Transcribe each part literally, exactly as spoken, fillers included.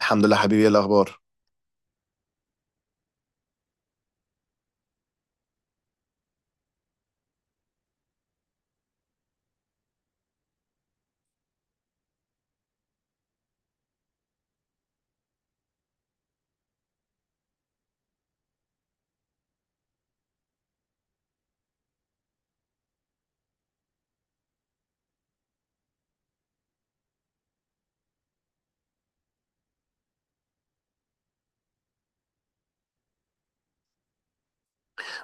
الحمد لله حبيبي، ايه الاخبار؟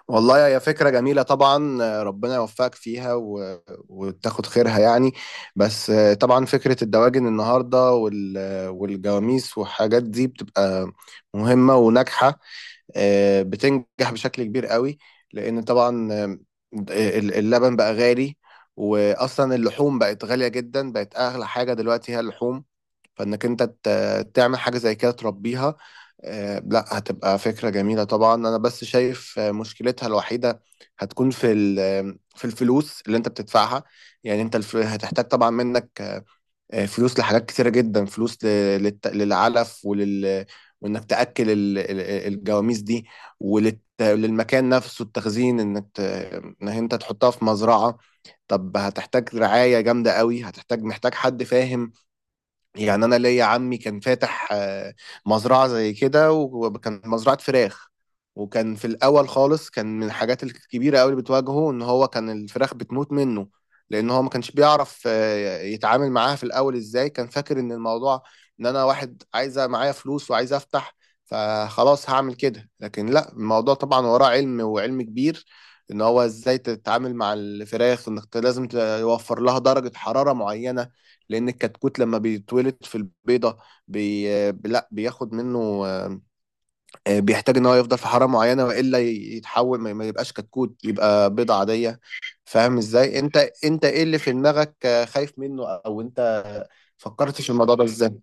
والله هي فكره جميله طبعا، آه، ربنا يوفقك فيها و... وتاخد خيرها يعني. بس، آه، طبعا فكره الدواجن النهارده وال... آه، والجواميس والحاجات دي بتبقى مهمه وناجحه. آه، بتنجح بشكل كبير قوي، لان طبعا آه، ال- اللبن بقى غالي. واصلا اللحوم بقت غاليه جدا، بقت اغلى حاجه دلوقتي هي اللحوم. فانك انت ت- تعمل حاجه زي كده تربيها. آه، لا، هتبقى فكره جميله طبعا. انا بس شايف آه، مشكلتها الوحيده هتكون في ال- آه، في الفلوس اللي انت بتدفعها. يعني انت الف- هتحتاج طبعا منك آه، فلوس لحاجات كتيره جدا، فلوس ل- للت- للعلف ولل وانك تاكل ال- ال- الجواميس دي وللمكان نفسه التخزين، انك ت... انك انت تحطها في مزرعه. طب هتحتاج رعاية جامدة قوي، هتحتاج محتاج حد فاهم. يعني انا ليا عمي كان فاتح آه، مزرعه زي كده، وكان مزرعه فراخ. وكان في الاول خالص، كان من الحاجات الكبيره قوي اللي بتواجهه ان هو كان الفراخ بتموت منه. لان هو ما كانش بيعرف آه، يتعامل معاها في الاول ازاي. كان فاكر ان الموضوع ان انا واحد عايزه معايا فلوس وعايز افتح، فخلاص هعمل كده. لكن لا، الموضوع طبعا وراه علم، وعلم كبير ان هو ازاي تتعامل مع الفراخ، وانك لازم توفر لها درجه حراره معينه. لان الكتكوت لما بيتولد في البيضه، بي... لا بياخد منه، آه، بيحتاج ان هو يفضل في حراره معينه، والا يتحول ما ما يبقاش كتكوت، يبقى بيضه عاديه. فاهم ازاي انت؟ انت ايه اللي في دماغك، آه، خايف منه، او انت فكرتش في الموضوع ده ازاي؟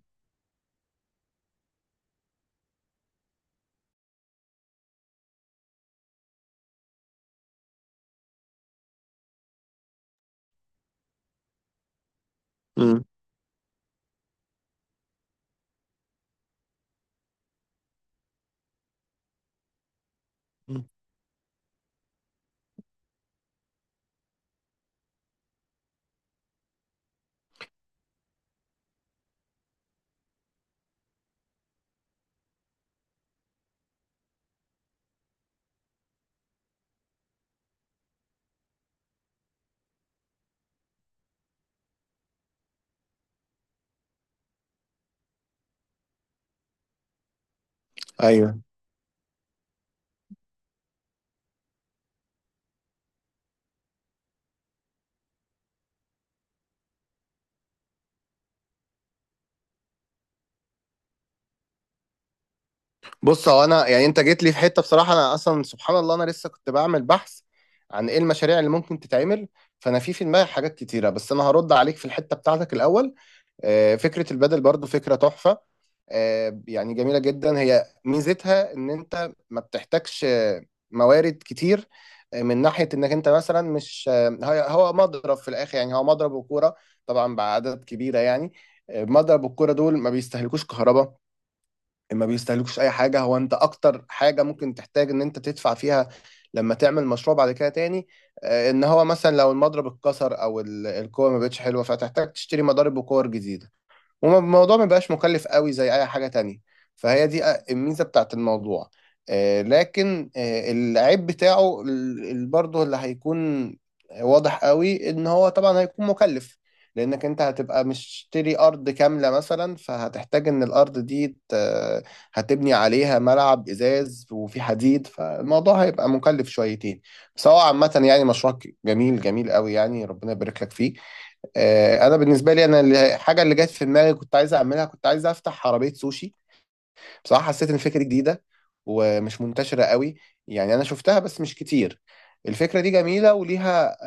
مم. مم. ايوه. بص، هو انا يعني انت جيت لي في حته بصراحه. انا اصلا سبحان الله انا لسه كنت بعمل بحث عن ايه المشاريع اللي ممكن تتعمل. فانا في في دماغي حاجات كتيره، بس انا هرد عليك في الحته بتاعتك الاول. آه، فكرة البدل برضو فكرة تحفة. آه، يعني جميلة جدا. هي ميزتها ان انت ما بتحتاجش آه، موارد كتير. آه، من ناحية انك انت مثلا مش آه، هي- هو مضرب في الاخر. يعني هو مضرب وكورة طبعا بعدد كبيرة يعني. آه، مضرب والكورة دول ما بيستهلكوش كهرباء، ما بيستهلكوش اي حاجة. هو انت اكتر حاجة ممكن تحتاج ان انت تدفع فيها لما تعمل مشروع بعد كده تاني، آه، ان هو مثلا لو المضرب اتكسر او ال- الكورة ما بقتش حلوة، فتحتاج تشتري مضارب وكور جديدة. والموضوع ما بقاش مكلف قوي زي اي حاجة تانية، فهي دي الميزة بتاعت الموضوع. آه، لكن آه، العيب بتاعه ال- ال- برضه اللي هيكون واضح قوي ان هو طبعا هيكون مكلف، لانك انت هتبقى مشتري ارض كاملة مثلا، فهتحتاج ان الارض دي ت- هتبني عليها ملعب ازاز وفي حديد، فالموضوع هيبقى مكلف شويتين. بس هو عامة يعني مشروع جميل جميل قوي، يعني ربنا يبارك لك فيه. آه، انا بالنسبه لي، انا اللي- الحاجه اللي جت في دماغي كنت عايز اعملها، كنت عايز افتح عربيه سوشي. بصراحه، حسيت ان الفكره دي جديده ومش منتشره قوي. يعني انا شفتها بس مش كتير. الفكره دي جميله، وليها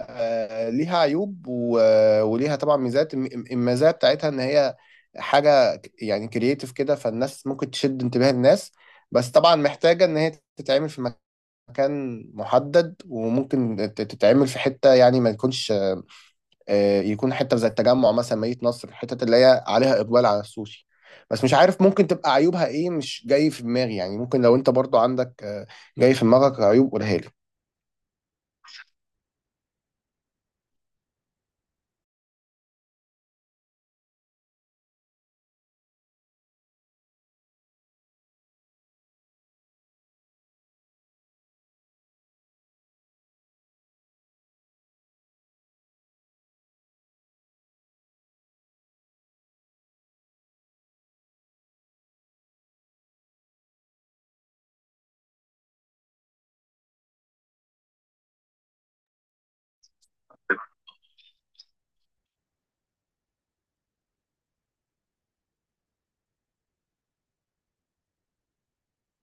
آه، ليها عيوب و- وليها طبعا ميزات، الم- المزايا بتاعتها ان هي حاجه ك- يعني كرييتيف كده، فالناس ممكن تشد انتباه الناس. بس طبعا محتاجه ان هي تتعمل في مكان محدد، وممكن تت- تتعمل في حته، يعني ما تكونش آه، يكون حته زي التجمع مثلا، مدينه نصر، الحتت اللي هي عليها اقبال على السوشي. بس مش عارف ممكن تبقى عيوبها ايه، مش جاي في دماغي. يعني ممكن لو انت برضو عندك آه، جاي في دماغك عيوب، قولها لي.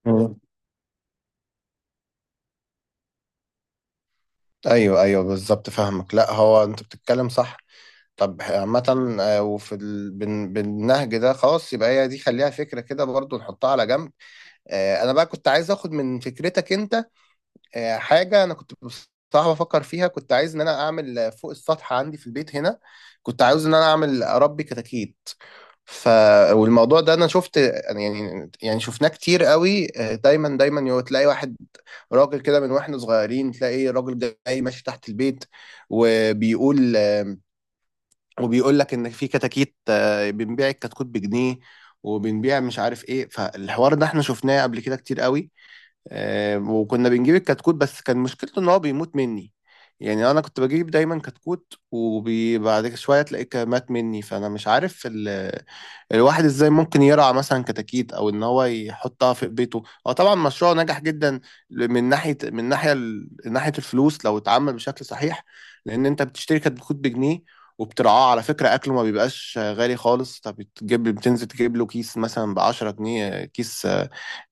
مم. ايوه، ايوه بالظبط، فاهمك. لا، هو انت بتتكلم صح. طب عامة، آه، وفي ال... بال... بالنهج ده خلاص، يبقى هي دي خليها فكرة كده برضو نحطها على جنب. آه، انا بقى كنت عايز اخد من فكرتك انت آه، حاجة. أنا كنت بصراحة بفكر فيها، كنت عايز إن أنا أعمل آه، فوق السطح عندي في البيت هنا. كنت عاوز إن أنا أعمل، أربي كتاكيت. ف والموضوع ده أنا شفت، يعني يعني يعني شفناه كتير قوي. آه، دايما دايما يو- تلاقي واحد راجل كده. من واحنا صغيرين تلاقي راجل جاي ماشي تحت البيت، وبيقول آه، وبيقول لك إن في كتاكيت، آه، بنبيع الكتكوت بجنيه، وبنبيع مش عارف إيه. فالحوار ده إحنا شفناه قبل كده كتير قوي. آم، وكنا بنجيب الكتكوت، بس كان مشكلته ان هو بيموت مني. يعني انا كنت بجيب دايما كتكوت، وبعد شويه تلاقيه كان مات مني. فانا مش عارف ال... الواحد ازاي ممكن يرعى مثلا كتاكيت او ان هو يحطها في بيته. هو طبعا مشروع نجح جدا من ناحيه من ناحيه، ال... ناحيه الفلوس، لو اتعمل بشكل صحيح. لان انت بتشتري كتكوت بجنيه وبترعاه. على فكرة، أكله ما بيبقاش غالي خالص. طب بتجيب، بتنزل تجيب له كيس مثلا بعشرة جنيه كيس،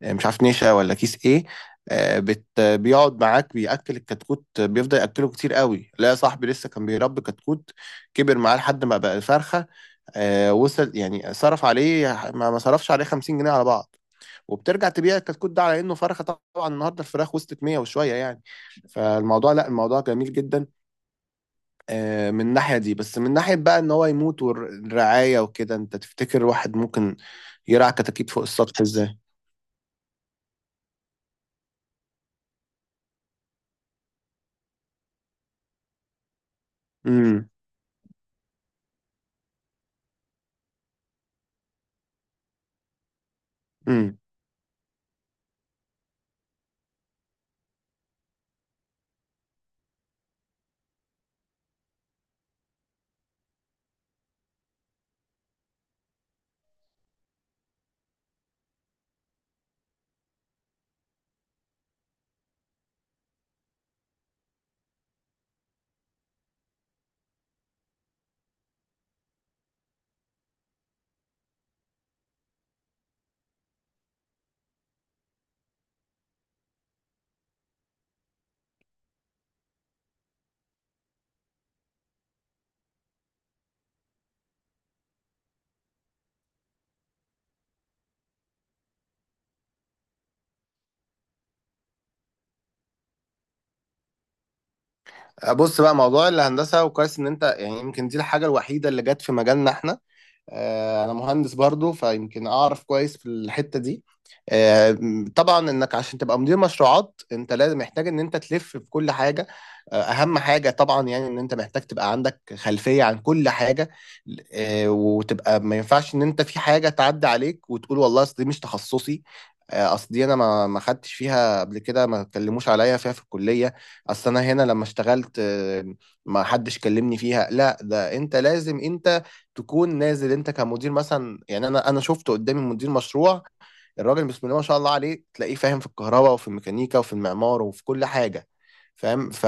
آه، مش عارف نشا ولا كيس ايه. آه، بت بيقعد معاك بيأكل، الكتكوت بيفضل يأكله كتير قوي. لا يا صاحبي، لسه كان بيربي كتكوت، كبر معاه لحد ما بقى فرخة. آه، وصل يعني صرف عليه، ما ما صرفش عليه خمسين جنيه على بعض، وبترجع تبيع الكتكوت ده على انه فرخه. طبعا النهارده الفراخ وصلت مية وشويه يعني. فالموضوع لا الموضوع جميل جدا آه، من الناحيه دي. بس من ناحيه بقى ان هو يموت والرعايه وكده، انت تفتكر واحد ممكن يرعى كتاكيت فوق السطح ازاي؟ امم، امم. بص بقى، موضوع الهندسة، وكويس ان انت يعني، يمكن دي الحاجة الوحيدة اللي جت في مجالنا احنا. آه، انا مهندس برضو، فيمكن اعرف كويس في الحتة دي. آه، طبعا انك عشان تبقى مدير مشروعات، انت لازم محتاج ان انت تلف في كل حاجة. آه، اهم حاجة طبعا يعني ان انت محتاج تبقى عندك خلفية عن كل حاجة. آه، وتبقى ما ينفعش ان انت في حاجة تعدي عليك وتقول والله اصل دي مش تخصصي، آه، اصل دي انا ما ما خدتش فيها قبل كده، ما اتكلموش عليا فيها في الكلية، اصل انا هنا لما اشتغلت آه، ما حدش كلمني فيها. لا، ده انت لازم انت تكون نازل انت كمدير مثلا. يعني انا انا شفت قدامي مدير مشروع، الراجل بسم الله ما شاء الله عليه، تلاقيه فاهم في الكهرباء وفي الميكانيكا وفي المعمار وفي كل حاجة، فاهم. ف...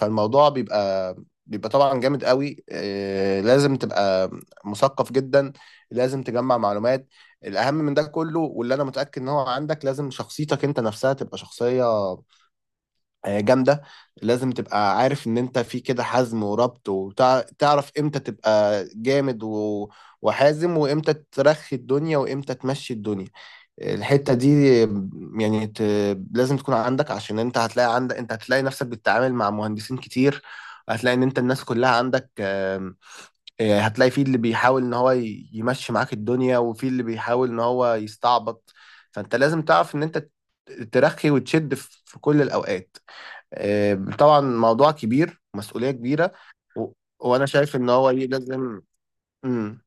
فالموضوع بيبقى بيبقى طبعا جامد قوي. آه، لازم تبقى مثقف جدا، لازم تجمع معلومات. الأهم من ده كله واللي أنا متأكد إن هو عندك، لازم شخصيتك أنت نفسها تبقى شخصية آه، جامدة. لازم تبقى عارف ان انت في كده حزم وربط، وتعرف امتى تبقى جامد و... وحازم، وامتى ترخي الدنيا وامتى تمشي الدنيا. الحتة دي يعني ت... لازم تكون عندك، عشان انت هتلاقي عندك انت هتلاقي نفسك بتتعامل مع مهندسين كتير. هتلاقي ان انت الناس كلها عندك، آم، آه، هتلاقي في اللي بيحاول ان هو ي- يمشي معاك الدنيا، وفي اللي بيحاول ان هو يستعبط. فانت لازم تعرف ان انت ترخي وتشد في في كل الاوقات. آه، طبعا موضوع كبير، مسؤولية كبيرة. و... وانا شايف ان هو ليه لازم. مم.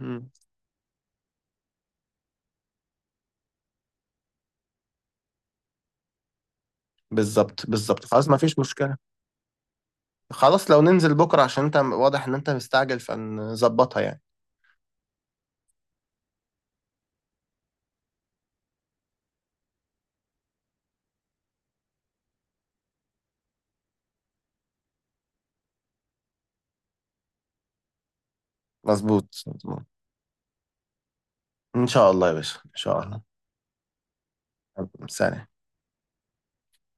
مم. بالظبط بالظبط، خلاص ما فيش مشكلة. خلاص، لو ننزل بكرة عشان انت واضح ان انت مستعجل، فنظبطها يعني. مظبوط، مظبوط. ان شاء الله يا باشا، ان شاء الله. سلام.